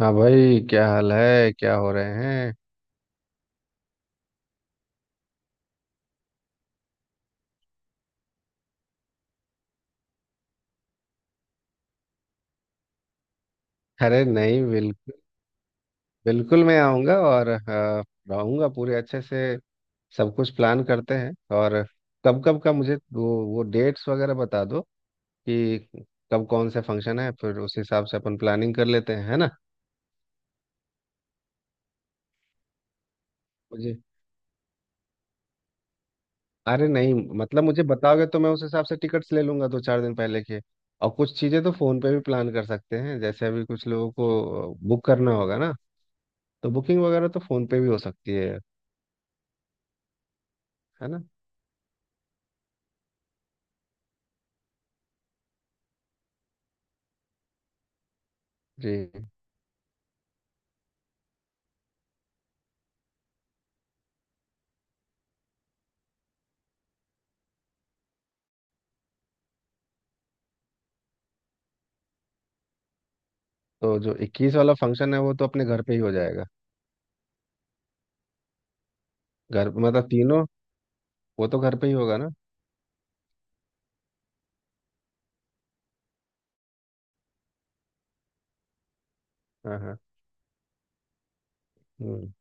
हाँ भाई, क्या हाल है? क्या हो रहे हैं? अरे नहीं, बिल्कुल बिल्कुल मैं आऊँगा और रहूँगा पूरे अच्छे से। सब कुछ प्लान करते हैं। और कब कब का मुझे वो डेट्स वगैरह बता दो कि कब कौन सा फंक्शन है, फिर उस हिसाब से अपन प्लानिंग कर लेते हैं, है ना। मुझे अरे नहीं, मतलब मुझे बताओगे तो मैं उस हिसाब से टिकट्स ले लूँगा दो चार दिन पहले के। और कुछ चीज़ें तो फ़ोन पे भी प्लान कर सकते हैं, जैसे अभी कुछ लोगों को बुक करना होगा ना। तो बुकिंग वगैरह तो फ़ोन पे भी हो सकती है ना। जी। तो जो 21 वाला फंक्शन है वो तो अपने घर पे ही हो जाएगा। घर मतलब तीनों, वो तो घर पे ही होगा ना। हाँ हाँ। हम्म।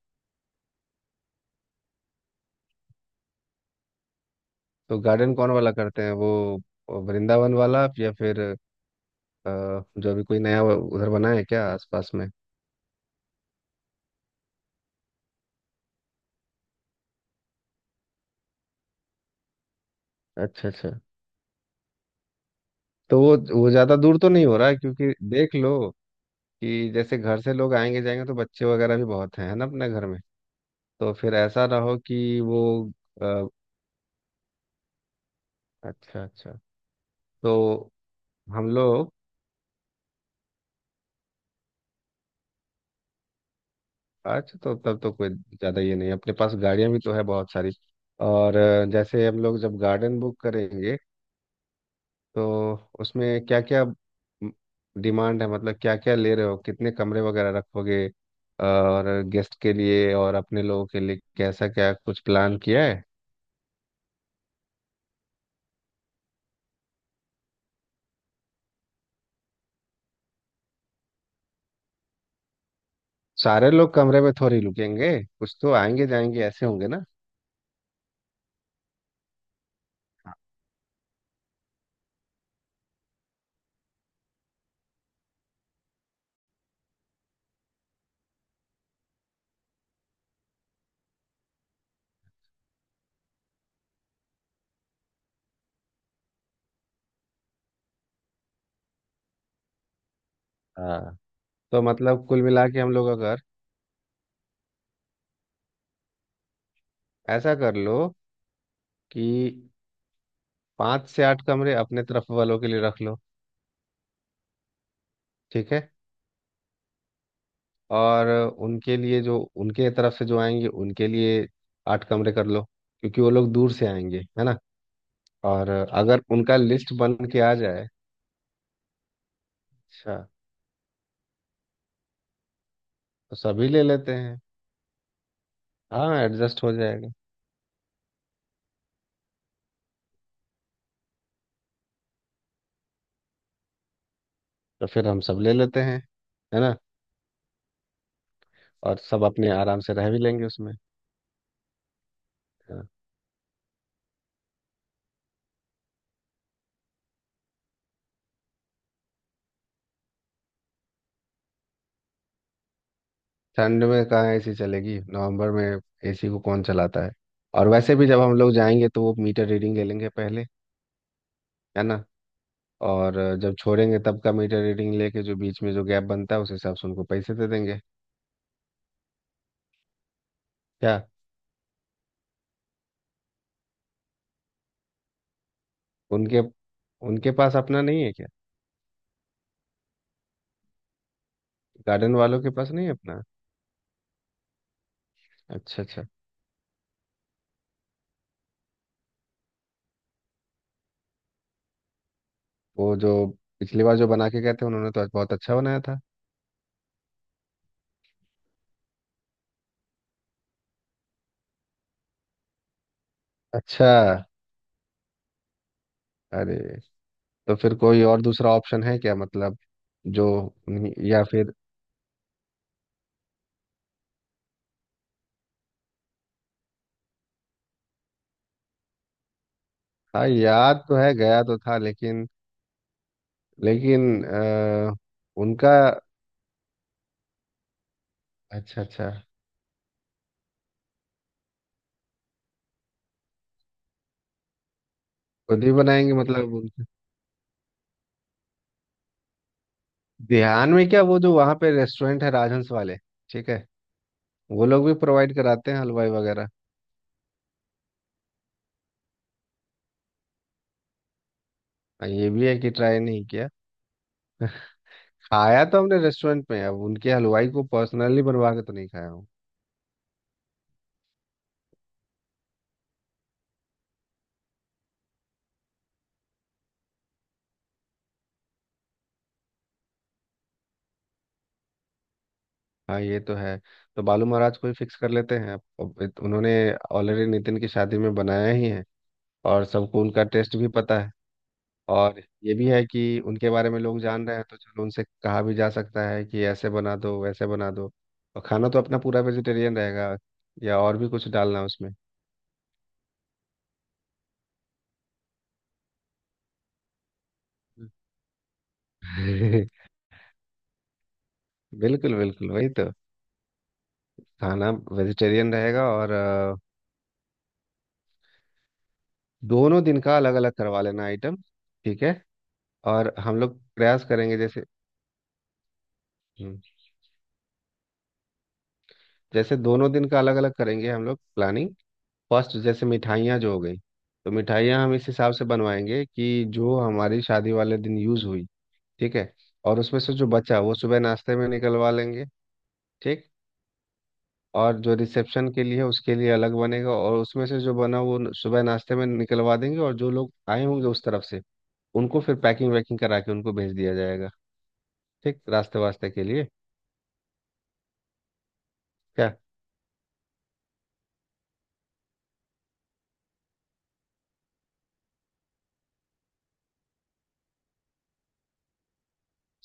तो गार्डन कौन वाला करते हैं वो, वृंदावन वाला या फिर अ, जो भी कोई नया वो उधर बना है क्या आसपास में? अच्छा अच्छा। तो वो ज़्यादा दूर तो नहीं हो रहा है? क्योंकि देख लो कि जैसे घर से लोग आएंगे जाएंगे, तो बच्चे वगैरह भी बहुत हैं, है ना, अपने घर में। तो फिर ऐसा ना हो कि वो अ, अच्छा अच्छा। तो हम लोग। अच्छा तो तब तो कोई ज़्यादा ये नहीं है। अपने पास गाड़ियाँ भी तो है बहुत सारी। और जैसे हम लोग जब गार्डन बुक करेंगे, तो उसमें क्या क्या डिमांड है, मतलब क्या क्या ले रहे हो, कितने कमरे वगैरह रखोगे, और गेस्ट के लिए और अपने लोगों के लिए कैसा क्या कुछ प्लान किया है? सारे लोग कमरे में थोड़ी रुकेंगे। कुछ तो आएंगे जाएंगे ऐसे होंगे ना। हाँ, तो मतलब कुल मिला के हम लोग अगर ऐसा कर लो कि 5 से 8 कमरे अपने तरफ वालों के लिए रख लो। ठीक है। और उनके लिए, जो उनके तरफ से जो आएंगे उनके लिए, 8 कमरे कर लो, क्योंकि वो लोग दूर से आएंगे, है ना। और अगर उनका लिस्ट बन के आ जाए। अच्छा। तो सभी ले लेते हैं। हाँ, एडजस्ट हो जाएगा। तो फिर हम सब ले लेते हैं, है ना। और सब अपने आराम से रह भी लेंगे उसमें। हाँ। ठंड में कहाँ एसी चलेगी नवंबर में? एसी को कौन चलाता है? और वैसे भी जब हम लोग जाएंगे तो वो मीटर रीडिंग ले लेंगे पहले, है ना। और जब छोड़ेंगे तब का मीटर रीडिंग लेके, जो बीच में जो गैप बनता है, उस हिसाब से उनको पैसे दे देंगे। क्या? उनके उनके पास अपना नहीं है क्या? गार्डन वालों के पास नहीं है अपना? अच्छा अच्छा। वो जो पिछली बार जो बना के गए थे, उन्होंने तो बहुत अच्छा बनाया था। अच्छा। अरे तो फिर कोई और दूसरा ऑप्शन है क्या मतलब? जो या फिर। हाँ याद तो है, गया तो था लेकिन, लेकिन उनका। अच्छा अच्छा। खुद ही बनाएंगे मतलब? ध्यान में क्या वो जो वहाँ पे रेस्टोरेंट है राजहंस वाले? ठीक है। वो लोग भी प्रोवाइड कराते हैं हलवाई वगैरह। हाँ, ये भी है कि ट्राई नहीं किया। खाया तो हमने रेस्टोरेंट में, अब उनके हलवाई को पर्सनली बनवा के तो नहीं खाया हूँ। हाँ ये तो है। तो बालू महाराज को ही फिक्स कर लेते हैं। उन्होंने ऑलरेडी नितिन की शादी में बनाया ही है। और सबको उनका टेस्ट भी पता है। और ये भी है कि उनके बारे में लोग जान रहे हैं, तो चलो उनसे कहा भी जा सकता है कि ऐसे बना दो वैसे बना दो। और खाना तो अपना पूरा वेजिटेरियन रहेगा। या और भी कुछ डालना है उसमें? बिल्कुल बिल्कुल वही तो। खाना वेजिटेरियन रहेगा और दोनों दिन का अलग अलग करवा लेना आइटम। ठीक है। और हम लोग प्रयास करेंगे जैसे। हम्म, जैसे दोनों दिन का अलग अलग करेंगे हम लोग प्लानिंग। फर्स्ट जैसे मिठाइयाँ जो हो गई, तो मिठाइयाँ हम इस हिसाब से बनवाएंगे कि जो हमारी शादी वाले दिन यूज़ हुई। ठीक है। और उसमें से जो बचा वो सुबह नाश्ते में निकलवा लेंगे। ठीक। और जो रिसेप्शन के लिए है, उसके लिए अलग बनेगा, और उसमें से जो बना वो सुबह नाश्ते में निकलवा देंगे, और जो लोग आए होंगे उस तरफ से, उनको फिर पैकिंग वैकिंग करा के उनको भेज दिया जाएगा। ठीक, रास्ते वास्ते के लिए। क्या?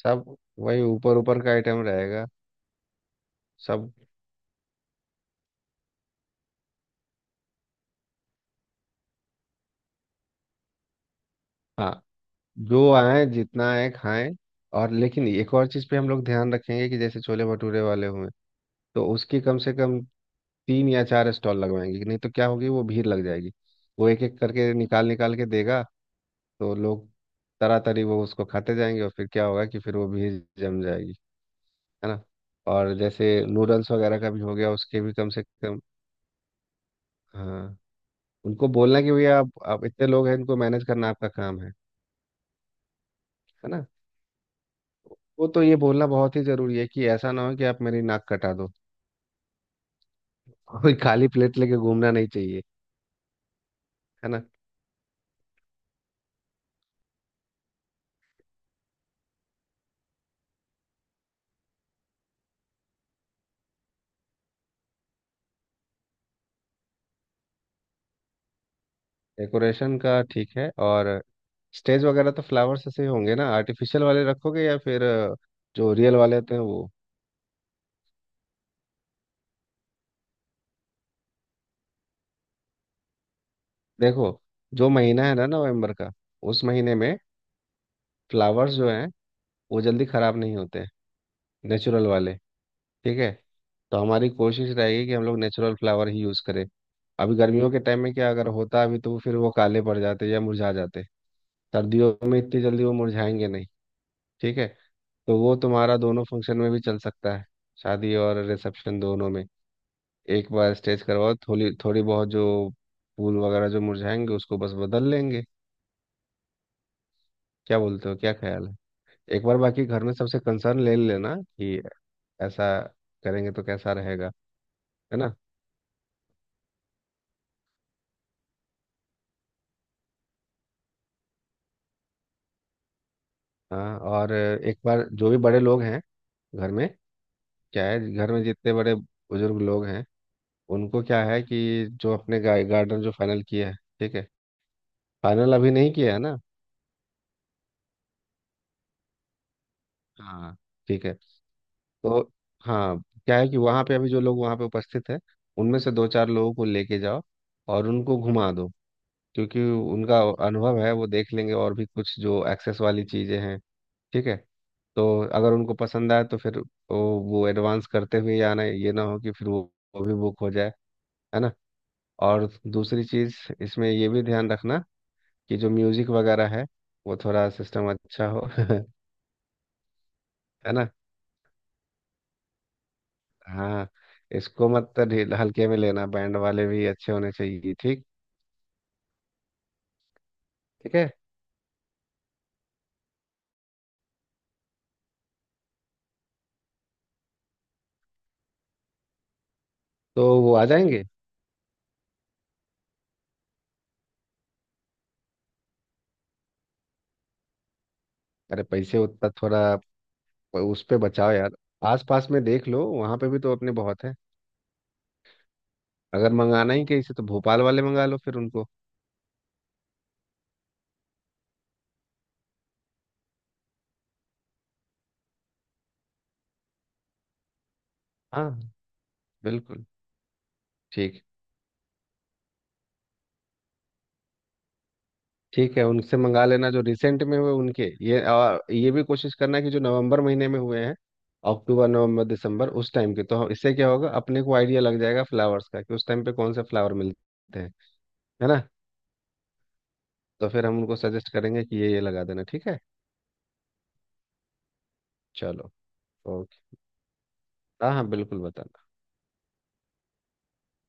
सब वही ऊपर ऊपर का आइटम रहेगा। सब। हाँ, जो आए जितना आए खाएं। और लेकिन एक और चीज़ पे हम लोग ध्यान रखेंगे कि जैसे छोले भटूरे वाले हुए, तो उसकी कम से कम 3 या 4 स्टॉल लगवाएंगे, नहीं तो क्या होगी वो भीड़ लग जाएगी। वो एक एक करके निकाल निकाल के देगा, तो लोग तरातरी वो उसको खाते जाएंगे, और फिर क्या होगा कि फिर वो भीड़ जम जाएगी, है ना। और जैसे नूडल्स वगैरह का भी हो गया उसके भी कम से कम। हाँ, उनको बोलना कि भैया आप इतने लोग हैं, इनको मैनेज करना आपका काम है ना। वो तो ये बोलना बहुत ही जरूरी है कि ऐसा ना हो कि आप मेरी नाक कटा दो। कोई खाली प्लेट लेके घूमना नहीं चाहिए, है ना। डेकोरेशन का ठीक है। और स्टेज वगैरह तो फ्लावर्स ऐसे ही होंगे ना, आर्टिफिशियल वाले रखोगे या फिर जो रियल वाले होते हैं वो? देखो, जो महीना है ना नवंबर का, उस महीने में फ्लावर्स जो हैं वो जल्दी खराब नहीं होते हैं, नेचुरल वाले। ठीक है। तो हमारी कोशिश रहेगी कि हम लोग नेचुरल फ्लावर ही यूज़ करें। अभी गर्मियों के टाइम में क्या अगर होता अभी, तो फिर वो काले पड़ जाते या मुरझा जाते। सर्दियों में इतनी जल्दी वो मुरझाएंगे नहीं। ठीक है। तो वो तुम्हारा दोनों फंक्शन में भी चल सकता है, शादी और रिसेप्शन दोनों में। एक बार स्टेच करवाओ, थोड़ी थोड़ी बहुत जो फूल वगैरह जो मुरझाएंगे उसको बस बदल लेंगे। क्या बोलते हो, क्या ख्याल है? एक बार बाकी घर में सबसे कंसर्न ले लेना कि ऐसा करेंगे तो कैसा रहेगा, है ना। हाँ, और एक बार जो भी बड़े लोग हैं घर में, क्या है घर में जितने बड़े बुजुर्ग लोग हैं, उनको क्या है कि जो अपने गार्डन जो फाइनल किया है, ठीक है, फाइनल अभी नहीं किया है ना। हाँ, ठीक है। तो हाँ, क्या है कि वहाँ पे अभी जो लोग वहाँ पे उपस्थित हैं, उनमें से दो चार लोगों को लेके जाओ और उनको घुमा दो, क्योंकि उनका अनुभव है, वो देख लेंगे और भी कुछ जो एक्सेस वाली चीज़ें हैं। ठीक है। तो अगर उनको पसंद आए तो फिर वो एडवांस करते हुए ही आना है, ये ना हो कि फिर वो भी बुक हो जाए, है ना। और दूसरी चीज़, इसमें ये भी ध्यान रखना कि जो म्यूज़िक वगैरह है, वो थोड़ा सिस्टम अच्छा हो, है ना। हाँ, इसको मत हल्के में लेना, बैंड वाले भी अच्छे होने चाहिए, ठीक। ठीक है। तो वो आ जाएंगे? अरे पैसे उतना थोड़ा उस पे बचाओ यार। आस पास में देख लो, वहाँ पे भी तो अपने बहुत हैं। अगर मंगाना ही कहीं से तो भोपाल वाले मंगा लो फिर उनको। हाँ बिल्कुल। ठीक। ठीक है, उनसे मंगा लेना जो रिसेंट में हुए उनके, ये, और ये भी कोशिश करना कि जो नवंबर महीने में हुए हैं, अक्टूबर नवंबर दिसंबर उस टाइम के, तो इससे क्या होगा अपने को आइडिया लग जाएगा फ्लावर्स का कि उस टाइम पे कौन से फ्लावर मिलते हैं, है ना। तो फिर हम उनको सजेस्ट करेंगे कि ये लगा देना, ठीक है। चलो। ओके। हाँ हाँ बिल्कुल बता।